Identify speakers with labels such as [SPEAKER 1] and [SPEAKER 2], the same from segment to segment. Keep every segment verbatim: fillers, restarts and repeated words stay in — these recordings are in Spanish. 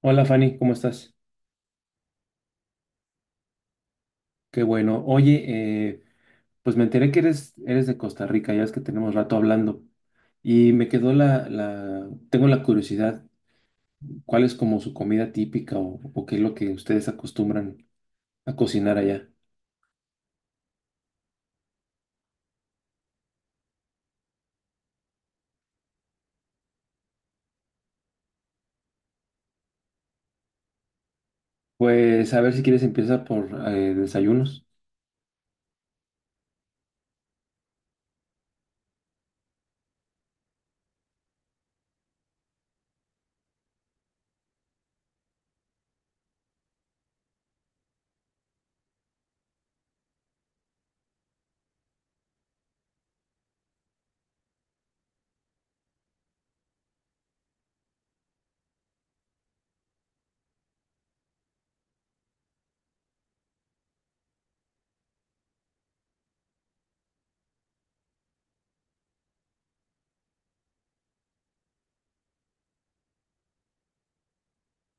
[SPEAKER 1] Hola Fanny, ¿cómo estás? Qué bueno. Oye, eh, pues me enteré que eres, eres de Costa Rica, ya es que tenemos rato hablando. Y me quedó la, la, tengo la curiosidad, ¿cuál es como su comida típica o, o qué es lo que ustedes acostumbran a cocinar allá? Pues a ver si quieres empieza por eh, desayunos.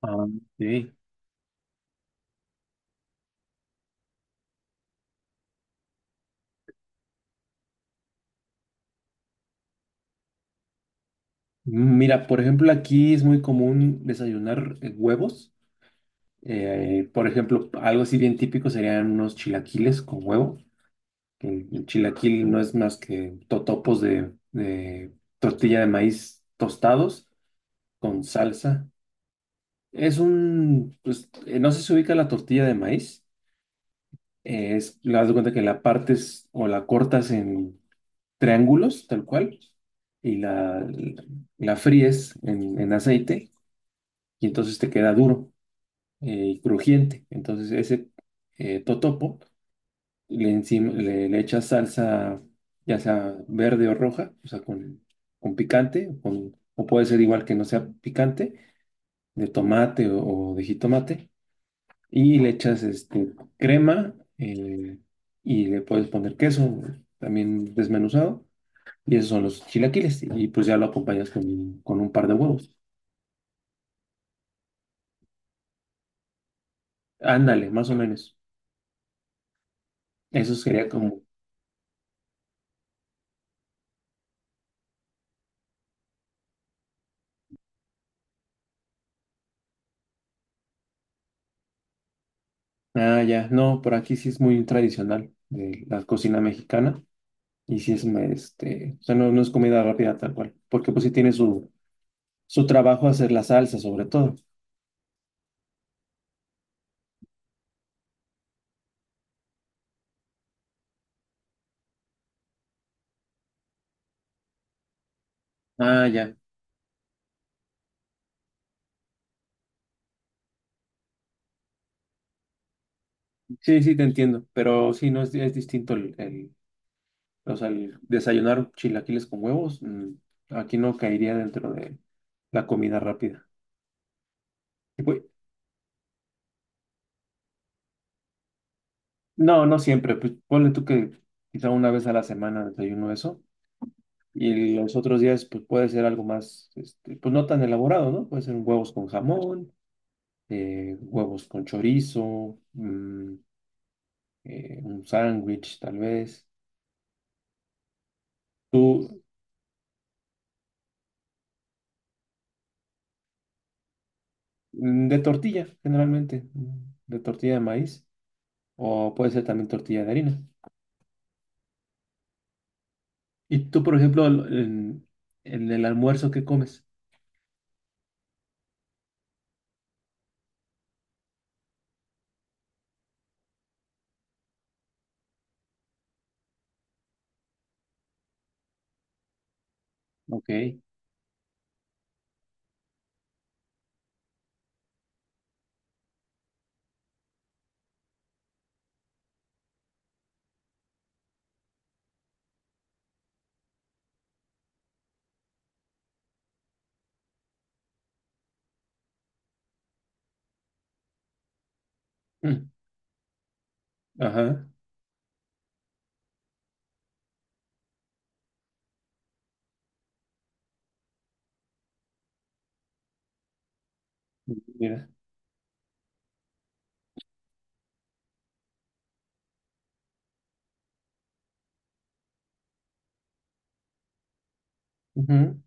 [SPEAKER 1] Ah, sí. Mira, por ejemplo, aquí es muy común desayunar eh, huevos. Eh, por ejemplo, algo así bien típico serían unos chilaquiles con huevo. El, el chilaquil no es más que totopos de, de tortilla de maíz tostados con salsa. Es un, pues, eh, no sé si se ubica la tortilla de maíz. Eh, es, la das de cuenta que la partes o la cortas en triángulos, tal cual, y la, la fríes en, en aceite y entonces te queda duro eh, y crujiente. Entonces ese eh, totopo le, encima, le, le echas salsa, ya sea verde o roja, o sea, con, con picante, o, con- o puede ser igual que no sea picante, de tomate o, o de jitomate, y le echas este, crema eh, y le puedes poner queso también desmenuzado, y esos son los chilaquiles, y pues ya lo acompañas con, con un par de huevos. Ándale, más o menos. Eso sería como... Ah, ya, no, por aquí sí es muy tradicional de la cocina mexicana. Y si es, me- este, o sea, no, no es comida rápida tal cual, porque pues sí tiene su, su trabajo hacer la salsa sobre todo. Ah, ya. Sí, sí, te entiendo, pero sí, no es, es distinto el, el- o sea, el desayunar chilaquiles con huevos, mm, aquí no caería dentro de la comida rápida. Y, pues, no, no siempre, pues ponle tú que quizá una vez a la semana desayuno eso, y los otros días pues puede ser algo más, este, pues no tan elaborado, ¿no? Puede ser huevos con jamón eh, huevos con chorizo, mm, eh, un sándwich tal vez. Tú, mm, de tortilla, generalmente, mm, de tortilla de maíz, o puede ser también tortilla de harina. Y tú, por ejemplo, el- en, en el almuerzo, ¿qué comes? Ok. Mm. Ajá, mira. Ujú,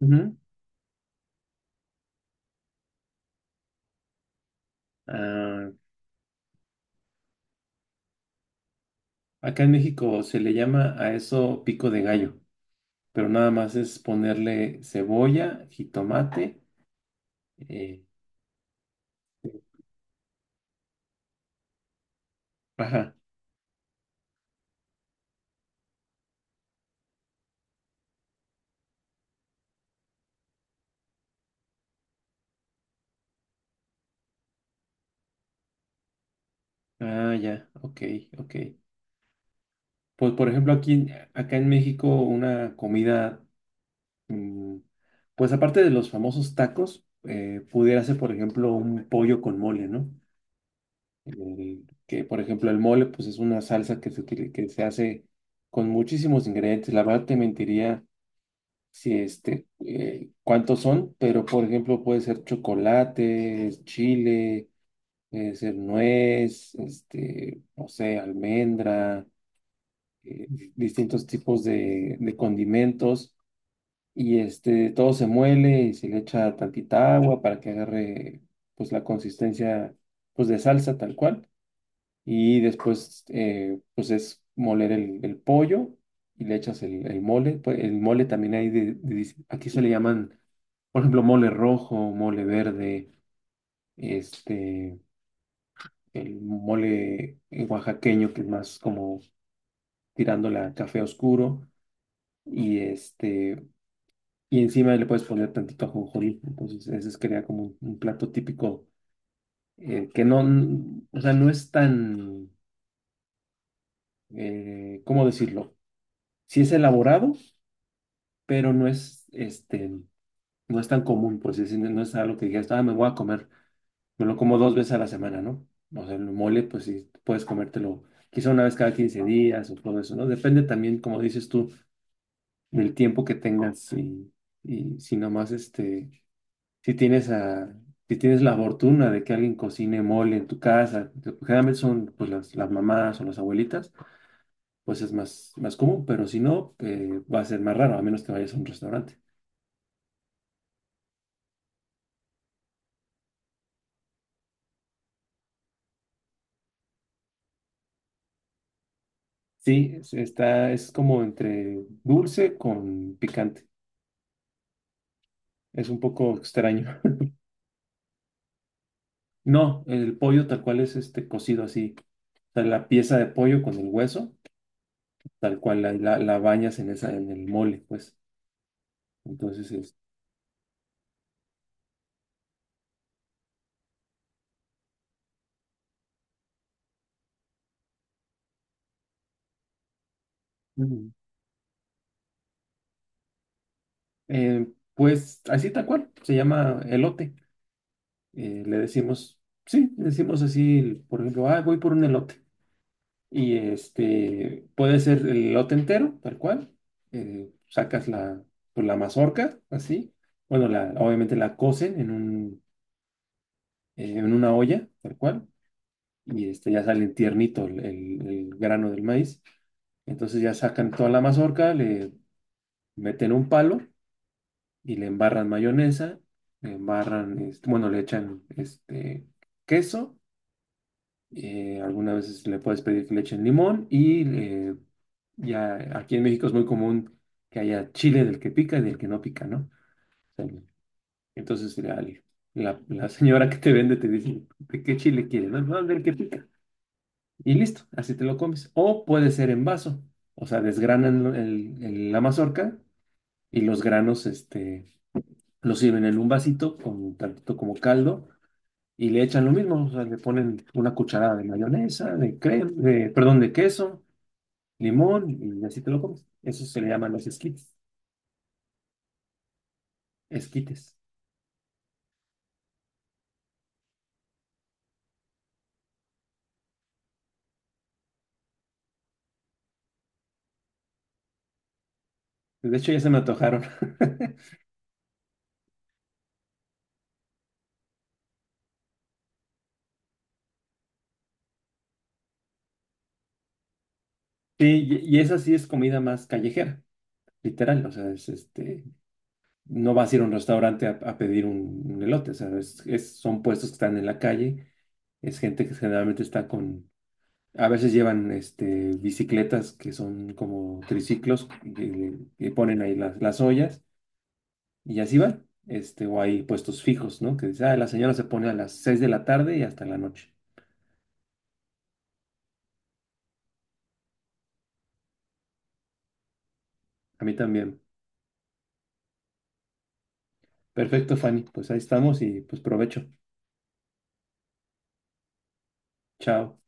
[SPEAKER 1] ujú. Ah, acá en México se le llama a eso pico de gallo, pero nada más es ponerle cebolla, jitomate, eh, ajá. Ah, ya, ok, ok. Pues por ejemplo aquí, acá en México, una comida, mm, pues aparte de los famosos tacos, eh, pudiera ser por ejemplo un pollo con mole, ¿no? Eh, que por ejemplo el mole, pues es una salsa que se, utili- que se hace con muchísimos ingredientes. La verdad te mentiría si este, eh, cuántos son, pero por ejemplo puede ser chocolate, chile, puede ser nuez, este, no sé, almendra eh, distintos tipos de, de condimentos y este, todo se muele y se le echa tantita agua para que agarre pues la consistencia pues de salsa tal cual y después eh, pues es moler el, el pollo y le echas el, el mole, pues, el mole también hay de, de dis- Aquí se le llaman por ejemplo mole rojo, mole verde, este el mole eh, oaxaqueño que es más como tirando la café oscuro y este. Y encima le puedes poner tantito ajonjolí. Entonces, ese sería como un, un, plato típico eh, que no, n- o sea, no es tan, eh, ¿cómo decirlo? Sí es elaborado, pero no es, este, no es tan común, pues es- no es algo que digas, ah, me voy a comer, me lo como dos veces a la semana, ¿no? O sea, el mole, pues sí, puedes comértelo quizá una vez cada quince días o todo eso, ¿no? Depende también, como dices tú, del tiempo que tengas y, y si nomás, este si tienes a, si tienes la fortuna de que alguien cocine mole en tu casa, que generalmente son pues las, las mamás o las abuelitas, pues es más, más común, pero si no, eh, va a ser más raro, a menos que vayas a un restaurante. Sí, es- está, es como entre dulce con picante. Es un poco extraño. No, el pollo tal cual es este cocido así. O sea, la pieza de pollo con el hueso, tal cual la, la, la bañas en esa, en el mole, pues. Entonces es. Eh, pues así tal cual, se llama elote. Eh, le decimos, sí, le decimos así, por ejemplo, ah, voy por un elote. Y este, puede ser el elote entero, tal cual. Eh, sacas la, pues, la mazorca, así. Bueno, la, obviamente la cocen en un, eh, en una olla, tal cual. Y este, ya sale tiernito el, el el grano del maíz. Entonces ya sacan toda la mazorca, le meten un palo y le embarran mayonesa, le embarran, este, bueno, le echan este queso, eh, algunas veces le puedes pedir que le echen limón y eh, ya aquí en México es muy común que haya chile del que pica y del que no pica, ¿no? O sea, entonces la, la, la señora que te vende te dice, ¿de qué chile quieres? No, no, del que pica. Y listo, así te lo comes. O puede ser en vaso, o sea, desgranan el- el- la mazorca y los granos, este lo sirven en un vasito con tantito como caldo y le echan lo mismo, o sea, le ponen una cucharada de mayonesa, de crema, de, perdón, de queso, limón y así te lo comes. Eso se le llaman los esquites, esquites. De hecho, ya se me antojaron. Sí, y, y esa sí es comida más callejera, literal, o sea, es este, no vas a ir a un restaurante a, a pedir un, un, elote, o sea, es- es- son puestos que están en la calle, es gente que generalmente está con. A veces llevan este, bicicletas que son como triciclos que, le- que ponen ahí las, las ollas y así van. Este, o hay puestos fijos, ¿no? Que dice, ah, la señora se pone a las seis de la tarde y hasta la noche. A mí también. Perfecto, Fanny. Pues ahí estamos y pues provecho. Chao.